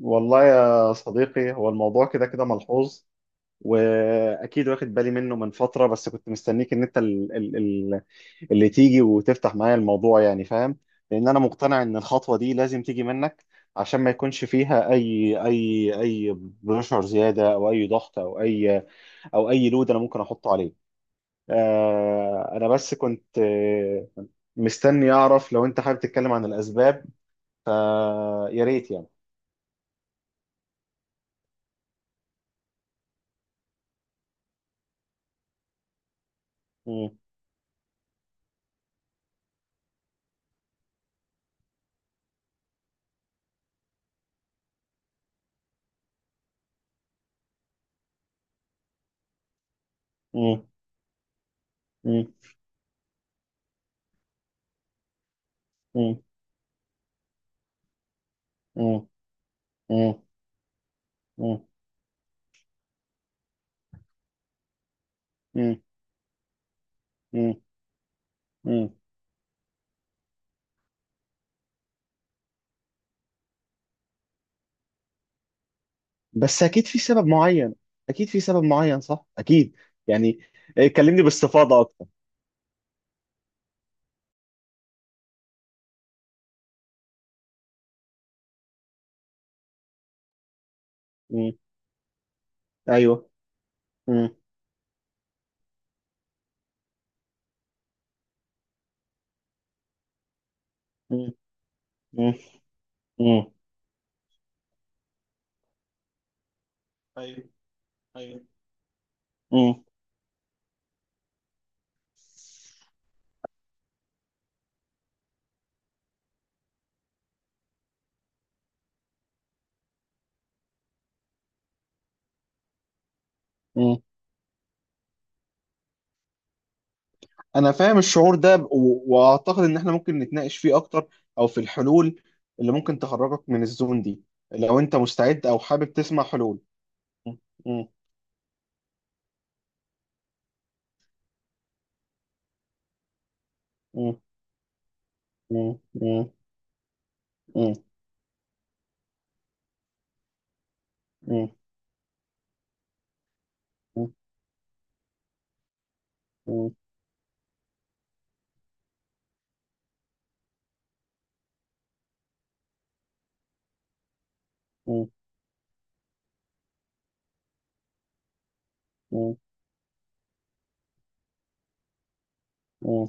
والله يا صديقي، هو الموضوع كده كده ملحوظ واكيد واخد بالي منه من فتره، بس كنت مستنيك ان انت اللي تيجي وتفتح معايا الموضوع يعني، فاهم؟ لان انا مقتنع ان الخطوه دي لازم تيجي منك عشان ما يكونش فيها اي بريشر زياده او اي ضغط او اي او اي لود انا ممكن احطه عليه. انا بس كنت مستني اعرف لو انت حابب تتكلم عن الاسباب، فيا ريت يعني. مم، مم، مم، مم، مم. مم. مم. مم. مم. مم. بس اكيد في سبب معين، اكيد في سبب معين، صح؟ اكيد يعني. إيه، كلمني باستفاضه اكتر. مم. ايوه. مم. مم. مم. مم. ايوه. ايوه. مم. مم. انا فاهم الشعور ده، واعتقد ان احنا ممكن نتناقش فيه اكتر، او في الحلول اللي ممكن تخرجك من الزون دي، لو انت مستعد او حابب تسمع حلول. مم. مم. مم. مم. مم. مم. مم. مم. مم. مم.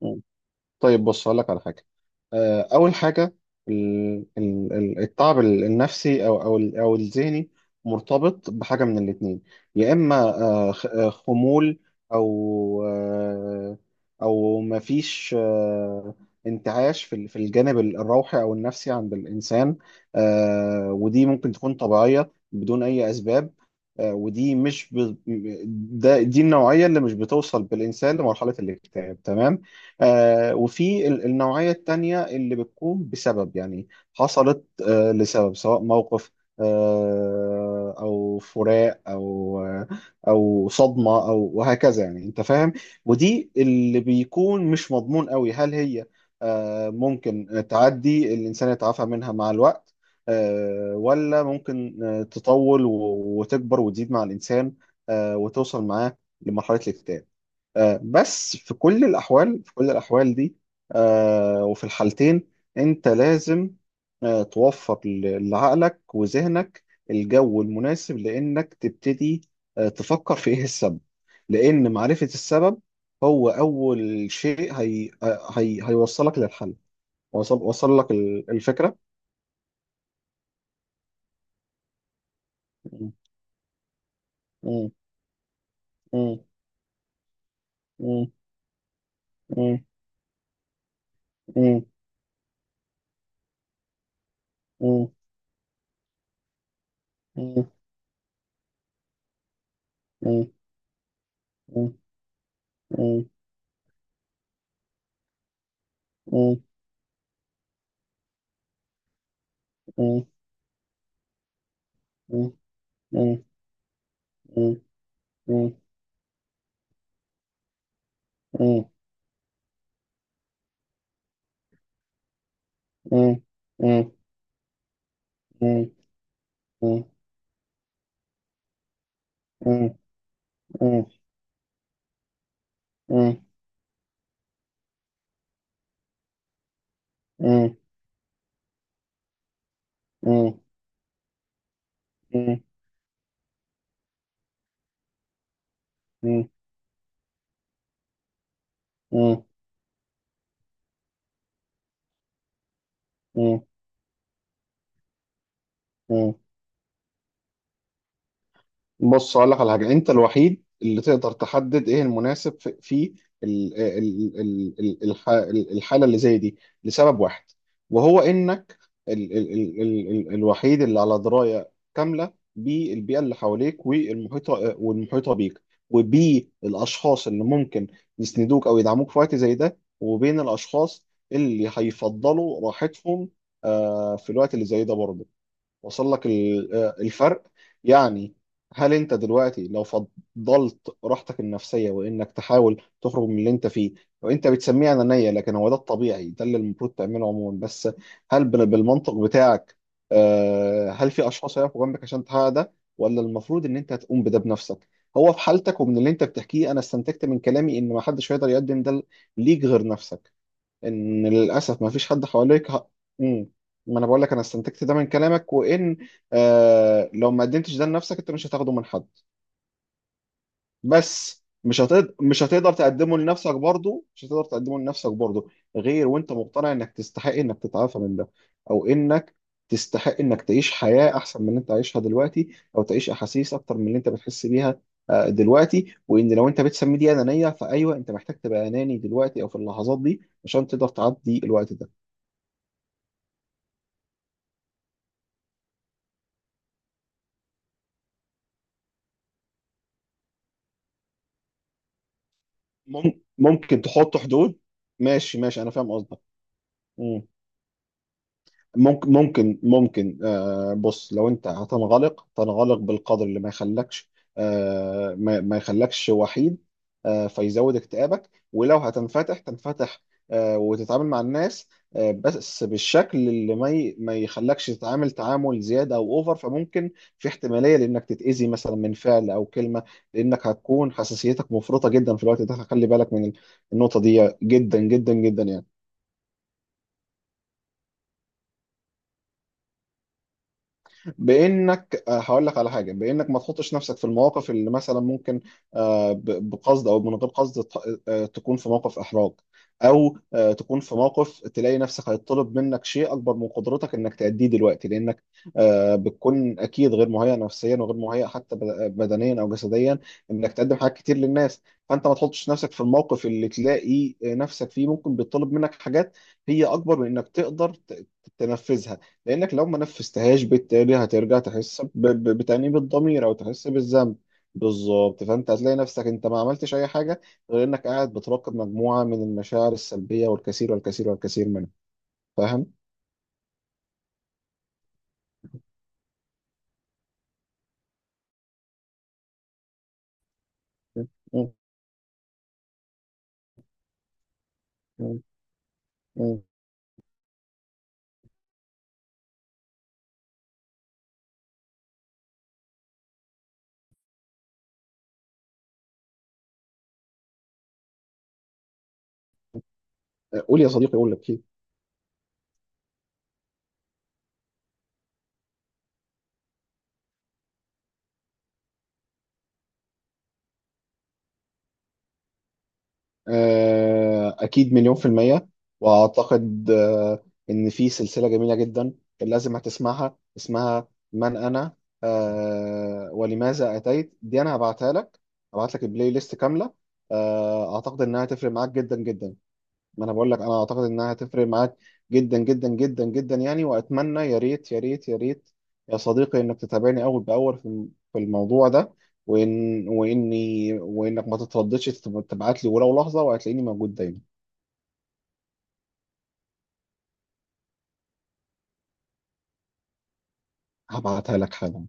مم. طيب بص، هقول لك على حاجه. اول حاجه، التعب النفسي او او او الذهني مرتبط بحاجه من الاثنين. يا اما خمول او او مفيش انتعاش في في الجانب الروحي او النفسي عند الانسان. ودي ممكن تكون طبيعيه بدون اي اسباب. آه، ودي مش ب... ده دي النوعيه اللي مش بتوصل بالانسان لمرحله الاكتئاب، تمام. وفي النوعية التانية اللي بتكون بسبب يعني، حصلت لسبب، سواء موقف أو فراق أو أو صدمة أو وهكذا، يعني أنت فاهم. ودي اللي بيكون مش مضمون قوي، هل هي ممكن تعدي الإنسان يتعافى منها مع الوقت، ولا ممكن تطول وتكبر وتزيد مع الإنسان وتوصل معاه لمرحلة الاكتئاب. بس في كل الأحوال، في كل الأحوال دي وفي الحالتين، أنت لازم توفر لعقلك وذهنك الجو المناسب لأنك تبتدي تفكر في إيه السبب، لأن معرفة السبب هو أول شيء، هي هي هيوصلك للحل. وصل لك الفكرة؟ م- م- م- م- م- م- م- م- م- م- م- م- م- م- م- مم. مم. مم. مم. مم. مم. مم. مم. مم. مم. مم. مم. مم. مم. مم. مم. بص اقول لك على حاجه، انت الوحيد اللي تقدر تحدد ايه المناسب في في ال- ال- ال- ال- الح- الحاله اللي زي دي لسبب واحد، وهو انك ال ال ال ال ال الوحيد اللي على درايه كامله بالبيئه اللي حواليك والمحيطه والمحيطه بيك، وبالاشخاص اللي ممكن يسندوك او يدعموك في وقت زي ده، وبين الاشخاص اللي هيفضلوا راحتهم في الوقت اللي زي ده برضه. وصل لك الفرق يعني؟ هل انت دلوقتي لو فضلت راحتك النفسيه وانك تحاول تخرج من اللي انت فيه، وانت بتسميه انانيه لكن هو ده الطبيعي، ده اللي المفروض تعمله عموما. بس هل بالمنطق بتاعك، هل في اشخاص هيقفوا جنبك عشان تحقق ده، ولا المفروض ان انت تقوم بده بنفسك؟ هو في حالتك ومن اللي انت بتحكيه، انا استنتجت من كلامي ان ما حدش هيقدر يقدم ده ليك غير نفسك، ان للاسف ما فيش حد حواليك ه... مم. ما انا بقول لك، انا استنتجت ده من كلامك، وان آه لو ما قدمتش ده لنفسك انت مش هتاخده من حد، بس مش هتقدر تقدمه لنفسك برضه، مش هتقدر تقدمه لنفسك برضه، غير وانت مقتنع انك تستحق انك تتعافى من ده، او انك تستحق انك تعيش حياة احسن من اللي انت عايشها دلوقتي، او تعيش احاسيس اكتر من اللي انت بتحس بيها دلوقتي. وان لو انت بتسمي دي انانية، فايوه انت محتاج تبقى اناني دلوقتي او في اللحظات دي عشان تقدر تعدي الوقت ده. ممكن تحط حدود. ماشي ماشي، انا فاهم قصدك. مم. ممكن ممكن آه بص، لو انت هتنغلق، تنغلق بالقدر اللي ما يخلكش آه ما يخلكش وحيد آه فيزود اكتئابك، ولو هتنفتح، تنفتح آه وتتعامل مع الناس آه بس بالشكل اللي ما يخلكش تتعامل تعامل زيادة او اوفر، فممكن في احتمالية لانك تتأذي مثلا من فعل او كلمة، لانك هتكون حساسيتك مفرطة جدا في الوقت ده. خلي بالك من النقطة دي جدا جدا جدا يعني. بانك هقول لك على حاجه، بانك ما تحطش نفسك في المواقف اللي مثلا ممكن بقصد او من غير قصد تكون في موقف احراج، او تكون في موقف تلاقي نفسك هيطلب منك شيء اكبر من قدرتك انك تأديه دلوقتي، لانك بتكون اكيد غير مهيئ نفسيا، وغير مهيئ حتى بدنيا او جسديا انك تقدم حاجات كتير للناس. فانت ما تحطش نفسك في الموقف اللي تلاقي نفسك فيه ممكن بيطلب منك حاجات هي اكبر من انك تقدر تنفذها، لانك لو ما نفذتهاش بالتالي هترجع تحس بتأنيب الضمير او تحس بالذنب. بالظبط، فانت هتلاقي نفسك انت ما عملتش اي حاجه غير انك قاعد بتراقب مجموعه من المشاعر السلبيه، والكثير والكثير والكثير منها. فاهم؟ م- م- م. قول يا صديقي، قول لك. أكيد، مليون في المية. وأعتقد إن في سلسلة جميلة جدا كان لازم هتسمعها، اسمها من أنا ولماذا أتيت. دي أنا هبعتها لك، هبعت لك البلاي ليست كاملة. أعتقد إنها هتفرق معاك جدا جدا. ما انا بقول لك، انا اعتقد انها هتفرق معاك جدا جدا جدا جدا يعني. واتمنى يا ريت يا ريت يا ريت يا صديقي انك تتابعني اول باول في في الموضوع ده، وانك ما تترددش تبعت لي ولو لحظه، وهتلاقيني موجود دايما. هبعتها لك حالا.